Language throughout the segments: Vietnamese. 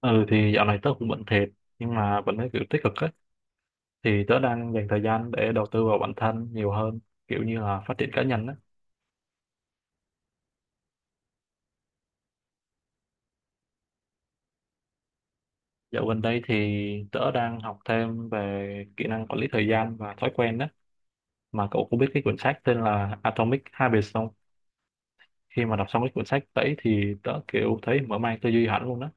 Ừ thì dạo này tớ cũng bận thiệt nhưng mà vẫn thấy kiểu tích cực ấy, thì tớ đang dành thời gian để đầu tư vào bản thân nhiều hơn, kiểu như là phát triển cá nhân á. Dạo gần đây thì tớ đang học thêm về kỹ năng quản lý thời gian và thói quen đó. Mà cậu có biết cái quyển sách tên là Atomic Habits không? Khi mà đọc xong cái quyển sách đấy thì tớ kiểu thấy mở mang tư duy hẳn luôn đó.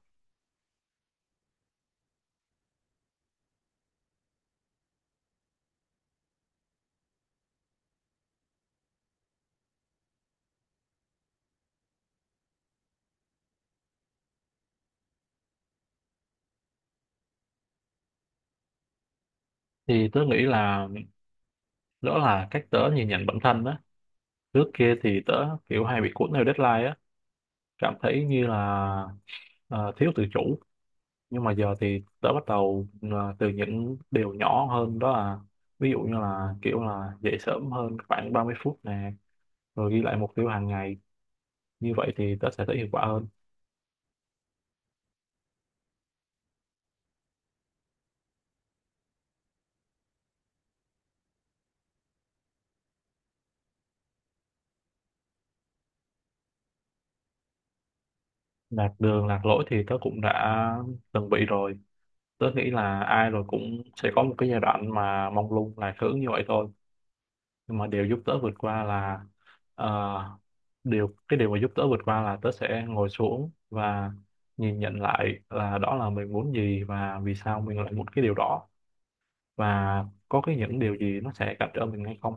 Thì tớ nghĩ là đó là cách tớ nhìn nhận bản thân đó. Trước kia thì tớ kiểu hay bị cuốn theo deadline á, cảm thấy như là ờ, thiếu tự chủ. Nhưng mà giờ thì tớ bắt đầu từ những điều nhỏ hơn, đó là ví dụ như là kiểu là dậy sớm hơn khoảng 30 phút nè, rồi ghi lại mục tiêu hàng ngày, như vậy thì tớ sẽ thấy hiệu quả hơn. Lạc đường lạc lối thì tớ cũng đã từng bị rồi. Tớ nghĩ là ai rồi cũng sẽ có một cái giai đoạn mà mông lung lạc hướng như vậy thôi. Nhưng mà điều giúp tớ vượt qua là ờ, cái điều mà giúp tớ vượt qua là tớ sẽ ngồi xuống và nhìn nhận lại là đó là mình muốn gì và vì sao mình lại muốn cái điều đó, và có cái những điều gì nó sẽ cản trở mình hay không.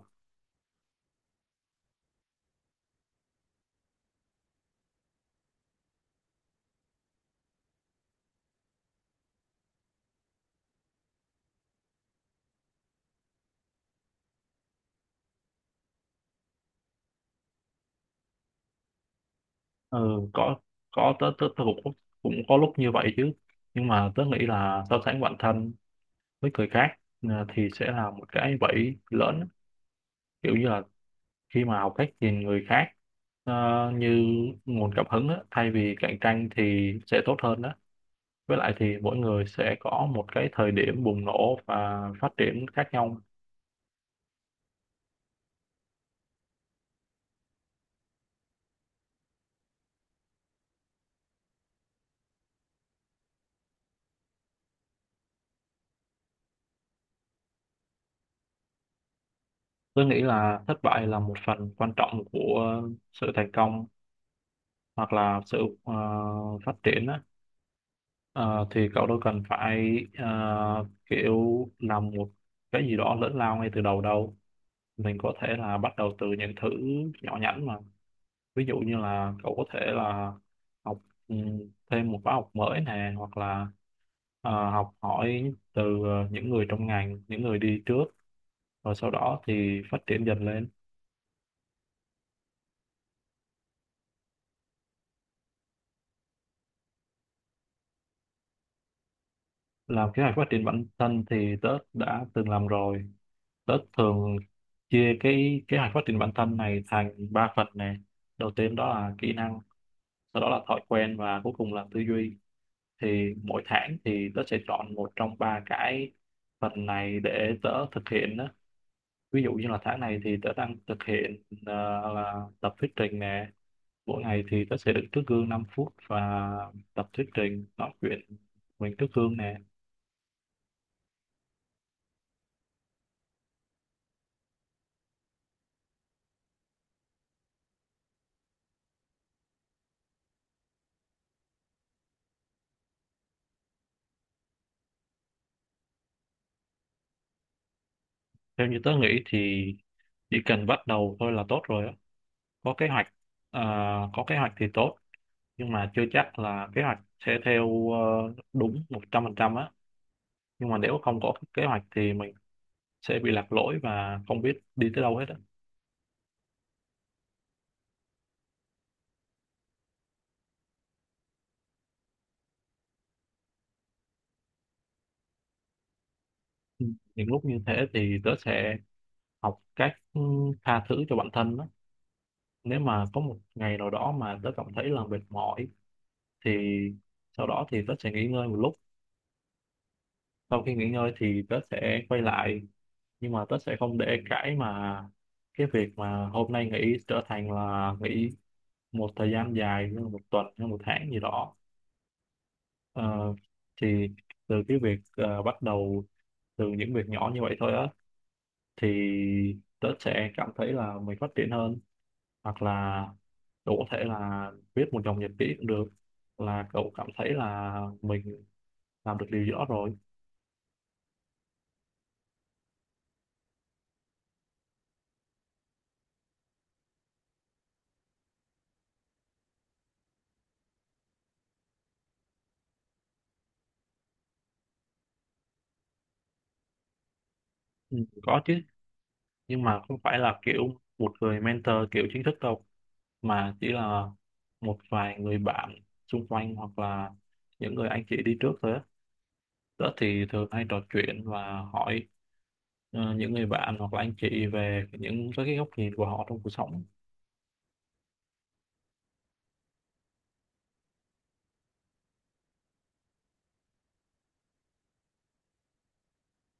Ừ, có có, tớ tớ, tớ cũng cũng có lúc như vậy chứ. Nhưng mà tớ nghĩ là so sánh bản thân với người khác thì sẽ là một cái bẫy lớn. Kiểu như là khi mà học cách nhìn người khác Ờ, như nguồn cảm hứng á, thay vì cạnh tranh thì sẽ tốt hơn đó. Với lại thì mỗi người sẽ có một cái thời điểm bùng nổ và phát triển khác nhau. Tôi nghĩ là thất bại là một phần quan trọng của sự thành công, hoặc là sự phát triển á. Ờ, thì cậu đâu cần phải kiểu làm một cái gì đó lớn lao ngay từ đầu đâu. Mình có thể là bắt đầu từ những thứ nhỏ nhắn mà. Ví dụ như là cậu có thể là học ừ, thêm một khóa học mới nè, hoặc là học hỏi từ những người trong ngành, những người đi trước, rồi sau đó thì phát triển dần lên. Làm kế hoạch phát triển bản thân thì tớ đã từng làm rồi. Tớ thường chia cái kế hoạch phát triển bản thân này thành ba phần nè. Đầu tiên đó là kỹ năng, sau đó là thói quen, và cuối cùng là tư duy. Thì mỗi tháng thì tớ sẽ chọn một trong ba cái phần này để tớ thực hiện. Ví dụ như là tháng này thì tớ đang thực hiện là tập thuyết trình nè. Mỗi ngày thì tớ sẽ đứng trước gương 5 phút và tập thuyết trình, nói chuyện mình trước gương nè. Theo như tớ nghĩ thì chỉ cần bắt đầu thôi là tốt rồi á. Có kế hoạch ờ, có kế hoạch thì tốt, nhưng mà chưa chắc là kế hoạch sẽ theo đúng 100% á. Nhưng mà nếu không có kế hoạch thì mình sẽ bị lạc lối và không biết đi tới đâu hết á. Ừ. Những lúc như thế thì tớ sẽ học cách tha thứ cho bản thân á. Nếu mà có một ngày nào đó mà tớ cảm thấy là mệt mỏi thì sau đó thì tớ sẽ nghỉ ngơi một lúc. Sau khi nghỉ ngơi thì tớ sẽ quay lại, nhưng mà tớ sẽ không để cái mà cái việc mà hôm nay nghỉ trở thành là nghỉ một thời gian dài như là một tuần hay một tháng gì đó. Ờ, thì từ cái việc bắt đầu từ những việc nhỏ như vậy thôi á, thì tớ sẽ cảm thấy là mình phát triển hơn. Hoặc là cậu có thể là viết một dòng nhật ký cũng được, là cậu cảm thấy là mình làm được điều gì đó rồi. Ừ, có chứ, nhưng mà không phải là kiểu một người mentor kiểu chính thức đâu, mà chỉ là một vài người bạn xung quanh, hoặc là những người anh chị đi trước thôi á. Tớ thì thường hay trò chuyện và hỏi những người bạn hoặc là anh chị về những cái góc nhìn của họ trong cuộc sống.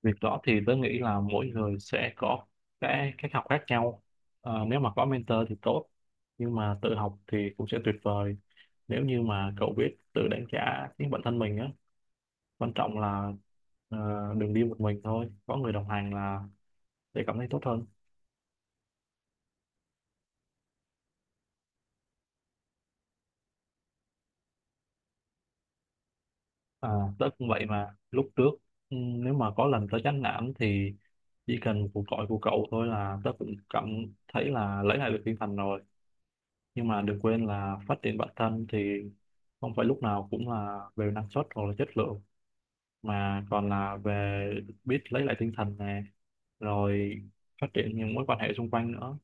Việc đó thì tớ nghĩ là mỗi người sẽ có cái cách học khác nhau. Nếu mà có mentor thì tốt, nhưng mà tự học thì cũng sẽ tuyệt vời nếu như mà cậu biết tự đánh giá chính bản thân mình á. Quan trọng là ờ, đừng đi một mình thôi, có người đồng hành là để cảm thấy tốt hơn. À, tớ cũng vậy mà. Lúc trước nếu mà có lần tớ chán nản thì chỉ cần cuộc gọi của cậu thôi là tớ cũng cảm thấy là lấy lại được tinh thần rồi. Nhưng mà đừng quên là phát triển bản thân thì không phải lúc nào cũng là về năng suất hoặc là chất lượng, mà còn là về biết lấy lại tinh thần này, rồi phát triển những mối quan hệ xung quanh nữa.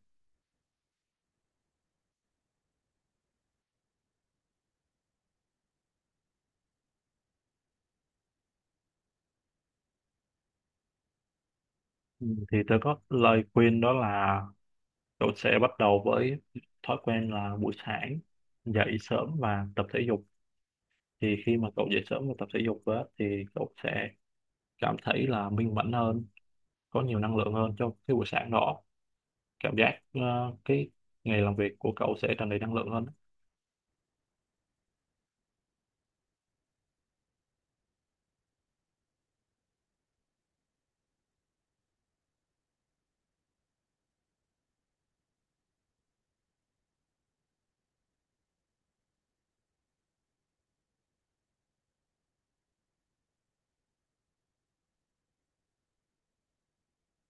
Ừ, thì tôi có lời khuyên đó là cậu sẽ bắt đầu với thói quen là buổi sáng dậy sớm và tập thể dục. Thì khi mà cậu dậy sớm và tập thể dục á, thì cậu sẽ cảm thấy là minh mẫn hơn, có nhiều năng lượng hơn cho cái buổi sáng đó. Cảm giác cái ngày làm việc của cậu sẽ tràn đầy năng lượng hơn.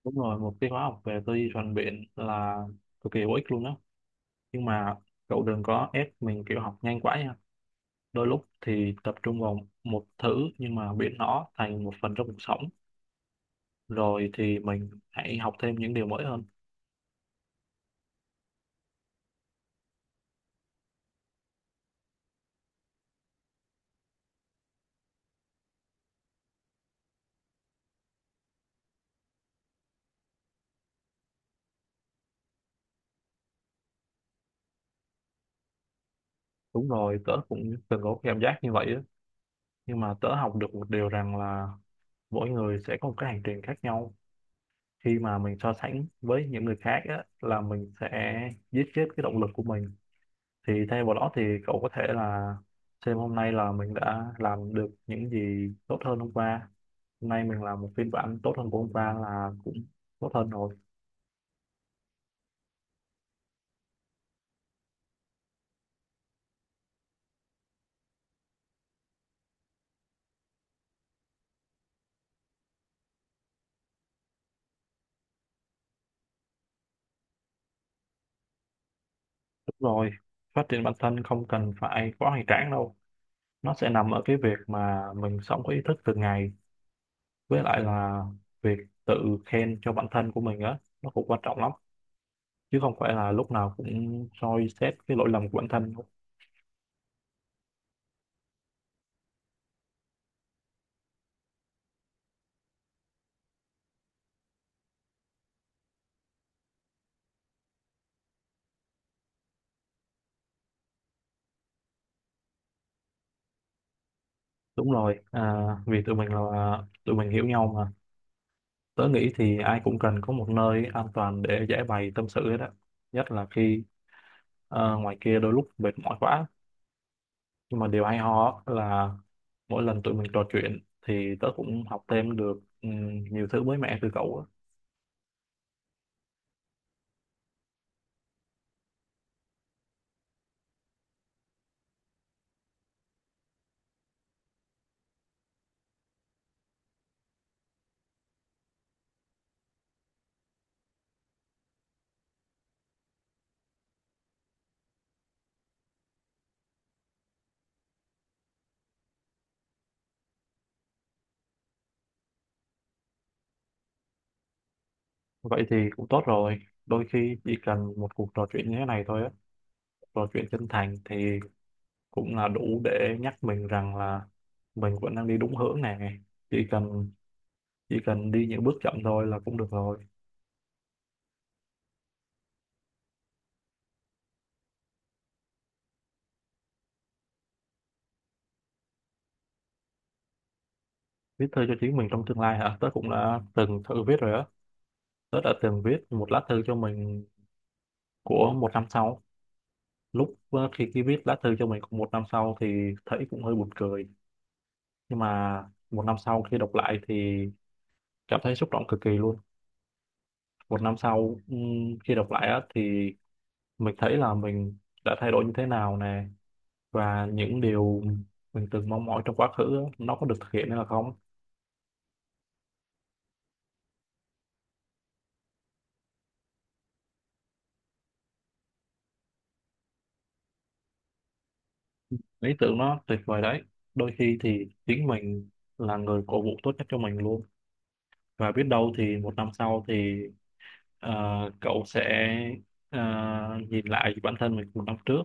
Đúng rồi, một cái khóa học về tư duy phản biện là cực kỳ hữu ích luôn đó. Nhưng mà cậu đừng có ép mình kiểu học nhanh quá nha. Đôi lúc thì tập trung vào một thứ nhưng mà biến nó thành một phần trong cuộc sống, rồi thì mình hãy học thêm những điều mới hơn. Đúng rồi, tớ cũng từng có cảm giác như vậy á. Nhưng mà tớ học được một điều rằng là mỗi người sẽ có một cái hành trình khác nhau. Khi mà mình so sánh với những người khác á, là mình sẽ giết chết cái động lực của mình. Thì thay vào đó thì cậu có thể là xem hôm nay là mình đã làm được những gì tốt hơn hôm qua. Hôm nay mình làm một phiên bản tốt hơn của hôm qua là cũng tốt hơn rồi. Đúng rồi, phát triển bản thân không cần phải quá hoành tráng đâu, nó sẽ nằm ở cái việc mà mình sống có ý thức từng ngày. Với lại là việc tự khen cho bản thân của mình á nó cũng quan trọng lắm, chứ không phải là lúc nào cũng soi xét cái lỗi lầm của bản thân. Đúng rồi, vì tụi mình là tụi mình hiểu nhau mà. Tớ nghĩ thì ai cũng cần có một nơi an toàn để giải bày tâm sự hết á. Nhất là khi ngoài kia đôi lúc mệt mỏi quá. Nhưng mà điều hay ho á là mỗi lần tụi mình trò chuyện thì tớ cũng học thêm được nhiều thứ mới mẻ từ cậu á. Vậy thì cũng tốt rồi. Đôi khi chỉ cần một cuộc trò chuyện như thế này thôi á, trò chuyện chân thành thì cũng là đủ để nhắc mình rằng là mình vẫn đang đi đúng hướng này. Chỉ cần chỉ cần đi những bước chậm thôi là cũng được rồi. Viết thư cho chính mình trong tương lai hả? Tớ cũng đã từng thử viết rồi á. Tớ đã từng viết một lá thư cho mình của một năm sau. Lúc ờ, khi khi viết lá thư cho mình của một năm sau thì thấy cũng hơi buồn cười. Nhưng mà một năm sau khi đọc lại thì cảm thấy xúc động cực kỳ luôn. Một năm sau khi đọc lại á thì mình thấy là mình đã thay đổi như thế nào nè, và những điều mình từng mong mỏi trong quá khứ á, nó có được thực hiện hay là không. Lý tưởng nó tuyệt vời đấy. Đôi khi thì chính mình là người cổ vũ tốt nhất cho mình luôn. Và biết đâu thì một năm sau thì ờ, cậu sẽ ờ, nhìn lại bản thân mình một năm trước,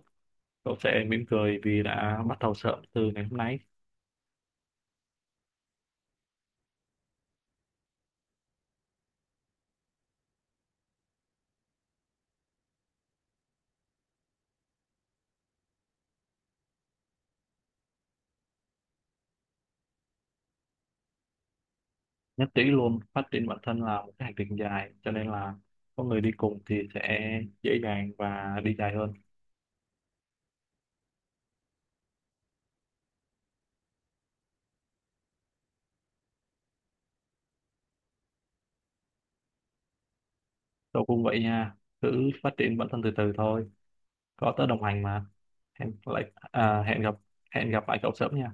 cậu sẽ mỉm cười vì đã bắt đầu sớm từ ngày hôm nay. Nhất trí luôn, phát triển bản thân là một cái hành trình dài cho nên là có người đi cùng thì sẽ dễ dàng và đi dài hơn. Cậu cũng vậy nha, cứ phát triển bản thân từ từ thôi, có tớ đồng hành mà. Hẹn lại à, hẹn gặp hẹn gặp lại cậu sớm nha.